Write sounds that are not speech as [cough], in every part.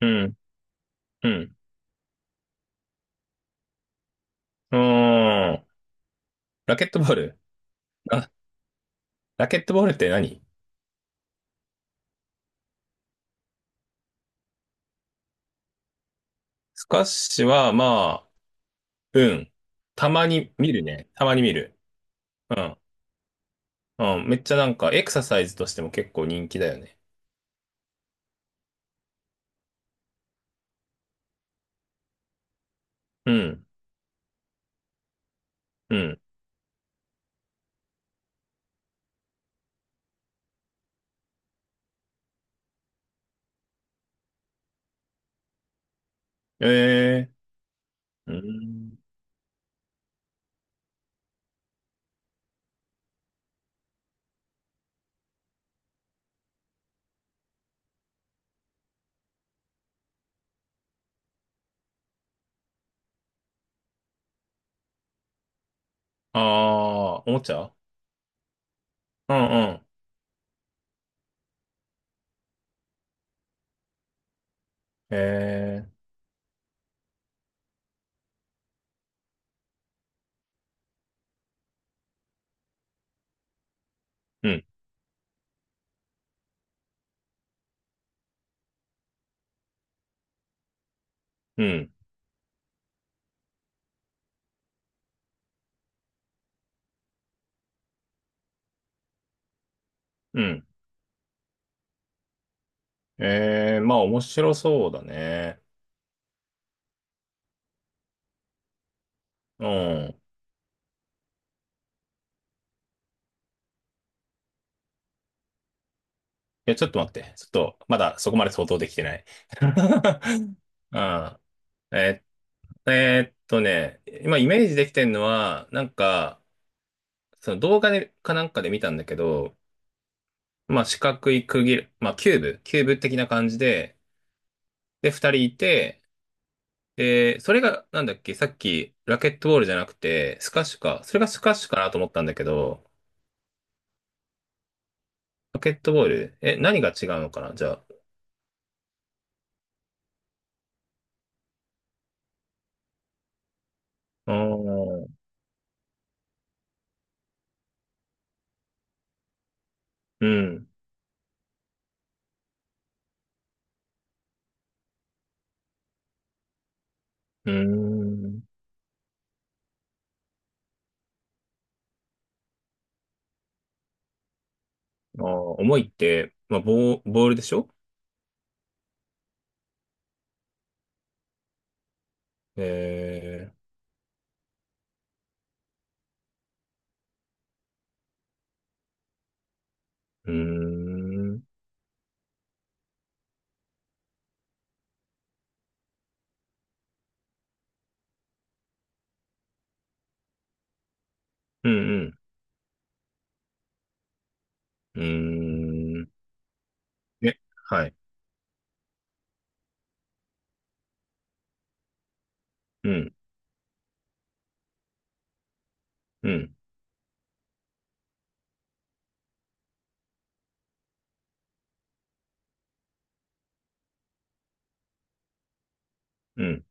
うん、うん。うーん。ラケットボール。あ、ラケットボールって何？スカッシュは、まあ、うん。たまに見るね。たまに見る。うん。うん。めっちゃなんか、エクササイズとしても結構人気だよね。うん。うん。ええー。うん。ああ、おもちゃ。うんうん。ええー。うん。うん。うん。ええー、まあ、面白そうだね。うん。いや、ちょっと待って。ちょっと、まだそこまで想像できてない。[laughs] うん。ええーっとね、今イメージできてるのは、なんか、その動画でかなんかで見たんだけど、まあ四角い区切る、まあキューブ、キューブ的な感じで、で、二人いて、で、それが、なんだっけ、さっきラケットボールじゃなくて、スカッシュか。それがスカッシュかなと思ったんだけど、ラケットボール、え、何が違うのかな、じゃあ。あー、うん、うーん。あー、重いって、まあ、ボー、ボールでしょ？えー、うーん、うん、うん、うーん。え、はい。うん、うん、うん。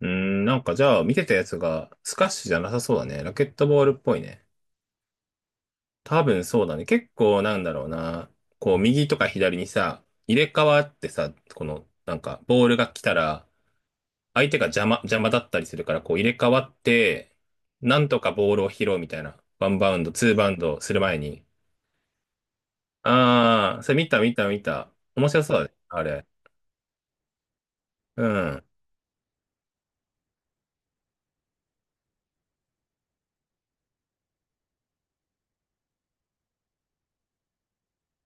うーん、なんかじゃあ見てたやつがスカッシュじゃなさそうだね。ラケットボールっぽいね。多分そうだね。結構なんだろうな。こう右とか左にさ、入れ替わってさ、このなんかボールが来たら相手が邪魔、邪魔だったりするからこう入れ替わって、なんとかボールを拾うみたいな。ワンバウンド、ツーバウンドする前に。あー、それ見た見た見た。面白そうだね。あれ。うん。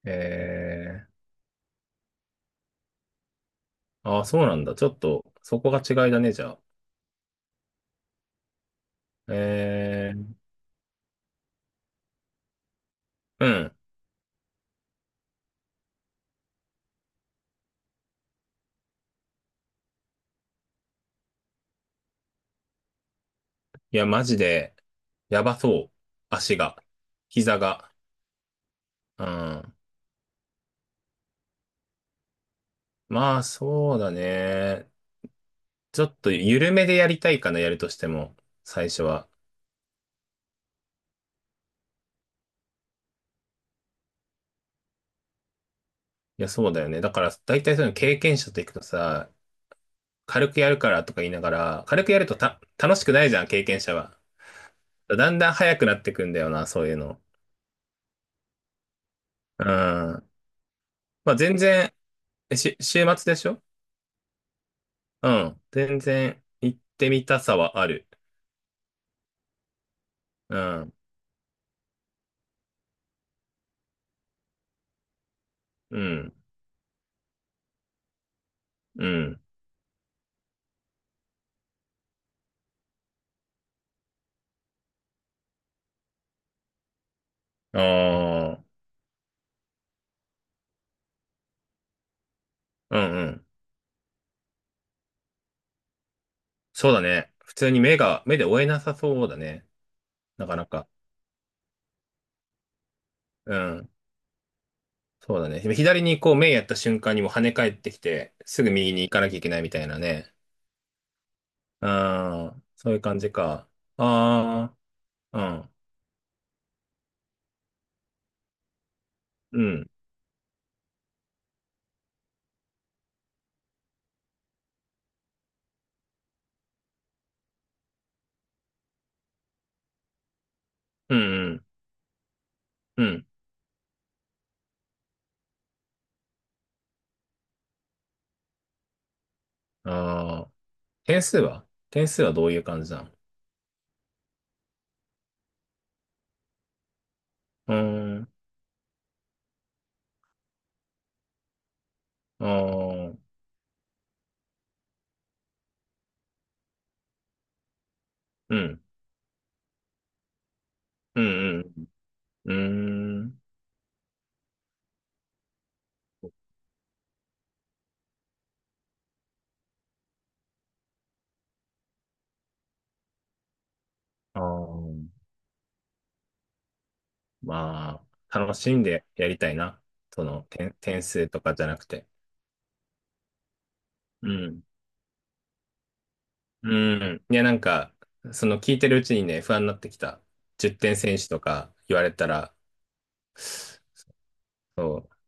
えー、ああ、そうなんだ。ちょっと、そこが違いだね、じゃあ。えー、うん。いや、マジで、やばそう。足が。膝が。うん。まあ、そうだね。ちょっと、緩めでやりたいかな、やるとしても。最初は。いや、そうだよね。だから、大体そういうの経験者と行くとさ、軽くやるからとか言いながら、軽くやるとた、楽しくないじゃん、経験者は。だんだん速くなってくんだよな、そういうの。うん。まあ、全然、えし、週末でしょ？うん。全然行ってみたさはある。うん。うん。うん。ああ。うんうん。そうだね。普通に目が、目で追えなさそうだね。なかなか。うん。そうだね。左にこう目やった瞬間にもう跳ね返ってきて、すぐ右に行かなきゃいけないみたいなね。ああ。そういう感じか。ああ。うん。うん。うんうん。うん。ああ。点数は？どういう感じなの？うーん。ああ。うん。うんうん。うーん。あー、まあ、楽しんでやりたいな。その、点、点数とかじゃなくて。うん。うん。いや、なんか、その聞いてるうちにね、不安になってきた。10点選手とか言われたら、そ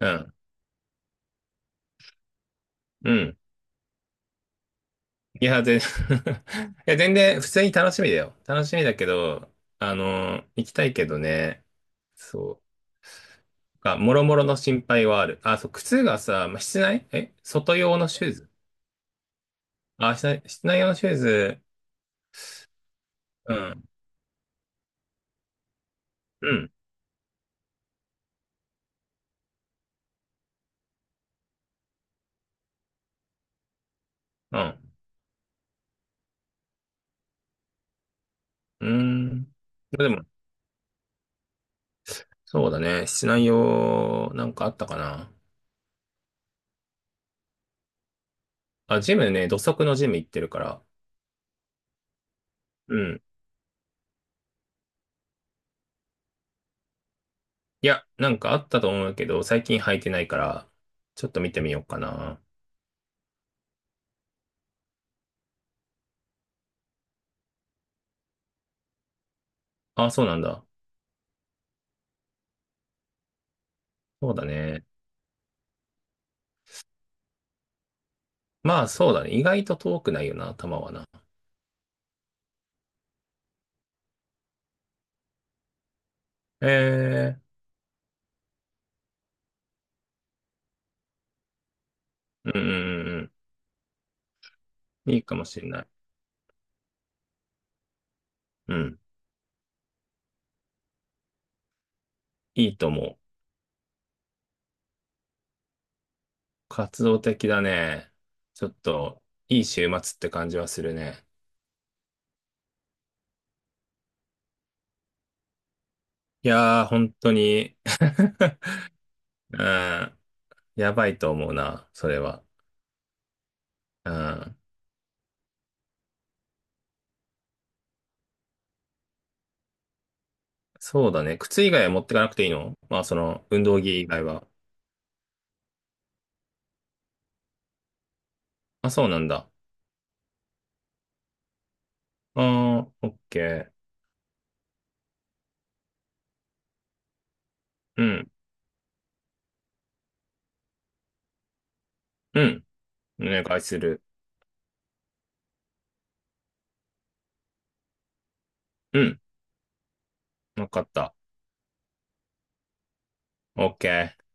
う。うん。うん。いや、全 [laughs] いや、全然、普通に楽しみだよ。楽しみだけど、あの、行きたいけどね。そう。あ、もろもろの心配はある。あ、そう、靴がさ、まあ室内え、外用のシューズ、あ、室内、室内用のシューズ、うん、うん、うん、うーん。でも、そうだね。室内用、なんかあったかな。あ、ジムね、土足のジム行ってるから。うん。いや、なんかあったと思うけど、最近履いてないから、ちょっと見てみようかな。あ、そうなんだ。そうだね。まあ、そうだね。意外と遠くないよな、球はな。ええ、うんうんうん、うん。いいかもしれない。うん。いいと思う。活動的だね。ちょっと、いい週末って感じはするね。いやー、本当に [laughs] うん。やばいと思うな、それは。うん。そうだね。靴以外は持ってかなくていいの？まあ、その、運動着以外は。あ、そうなんだ。あー、オッケー。うん。うん。お願いする。うん。わかった。オッケー。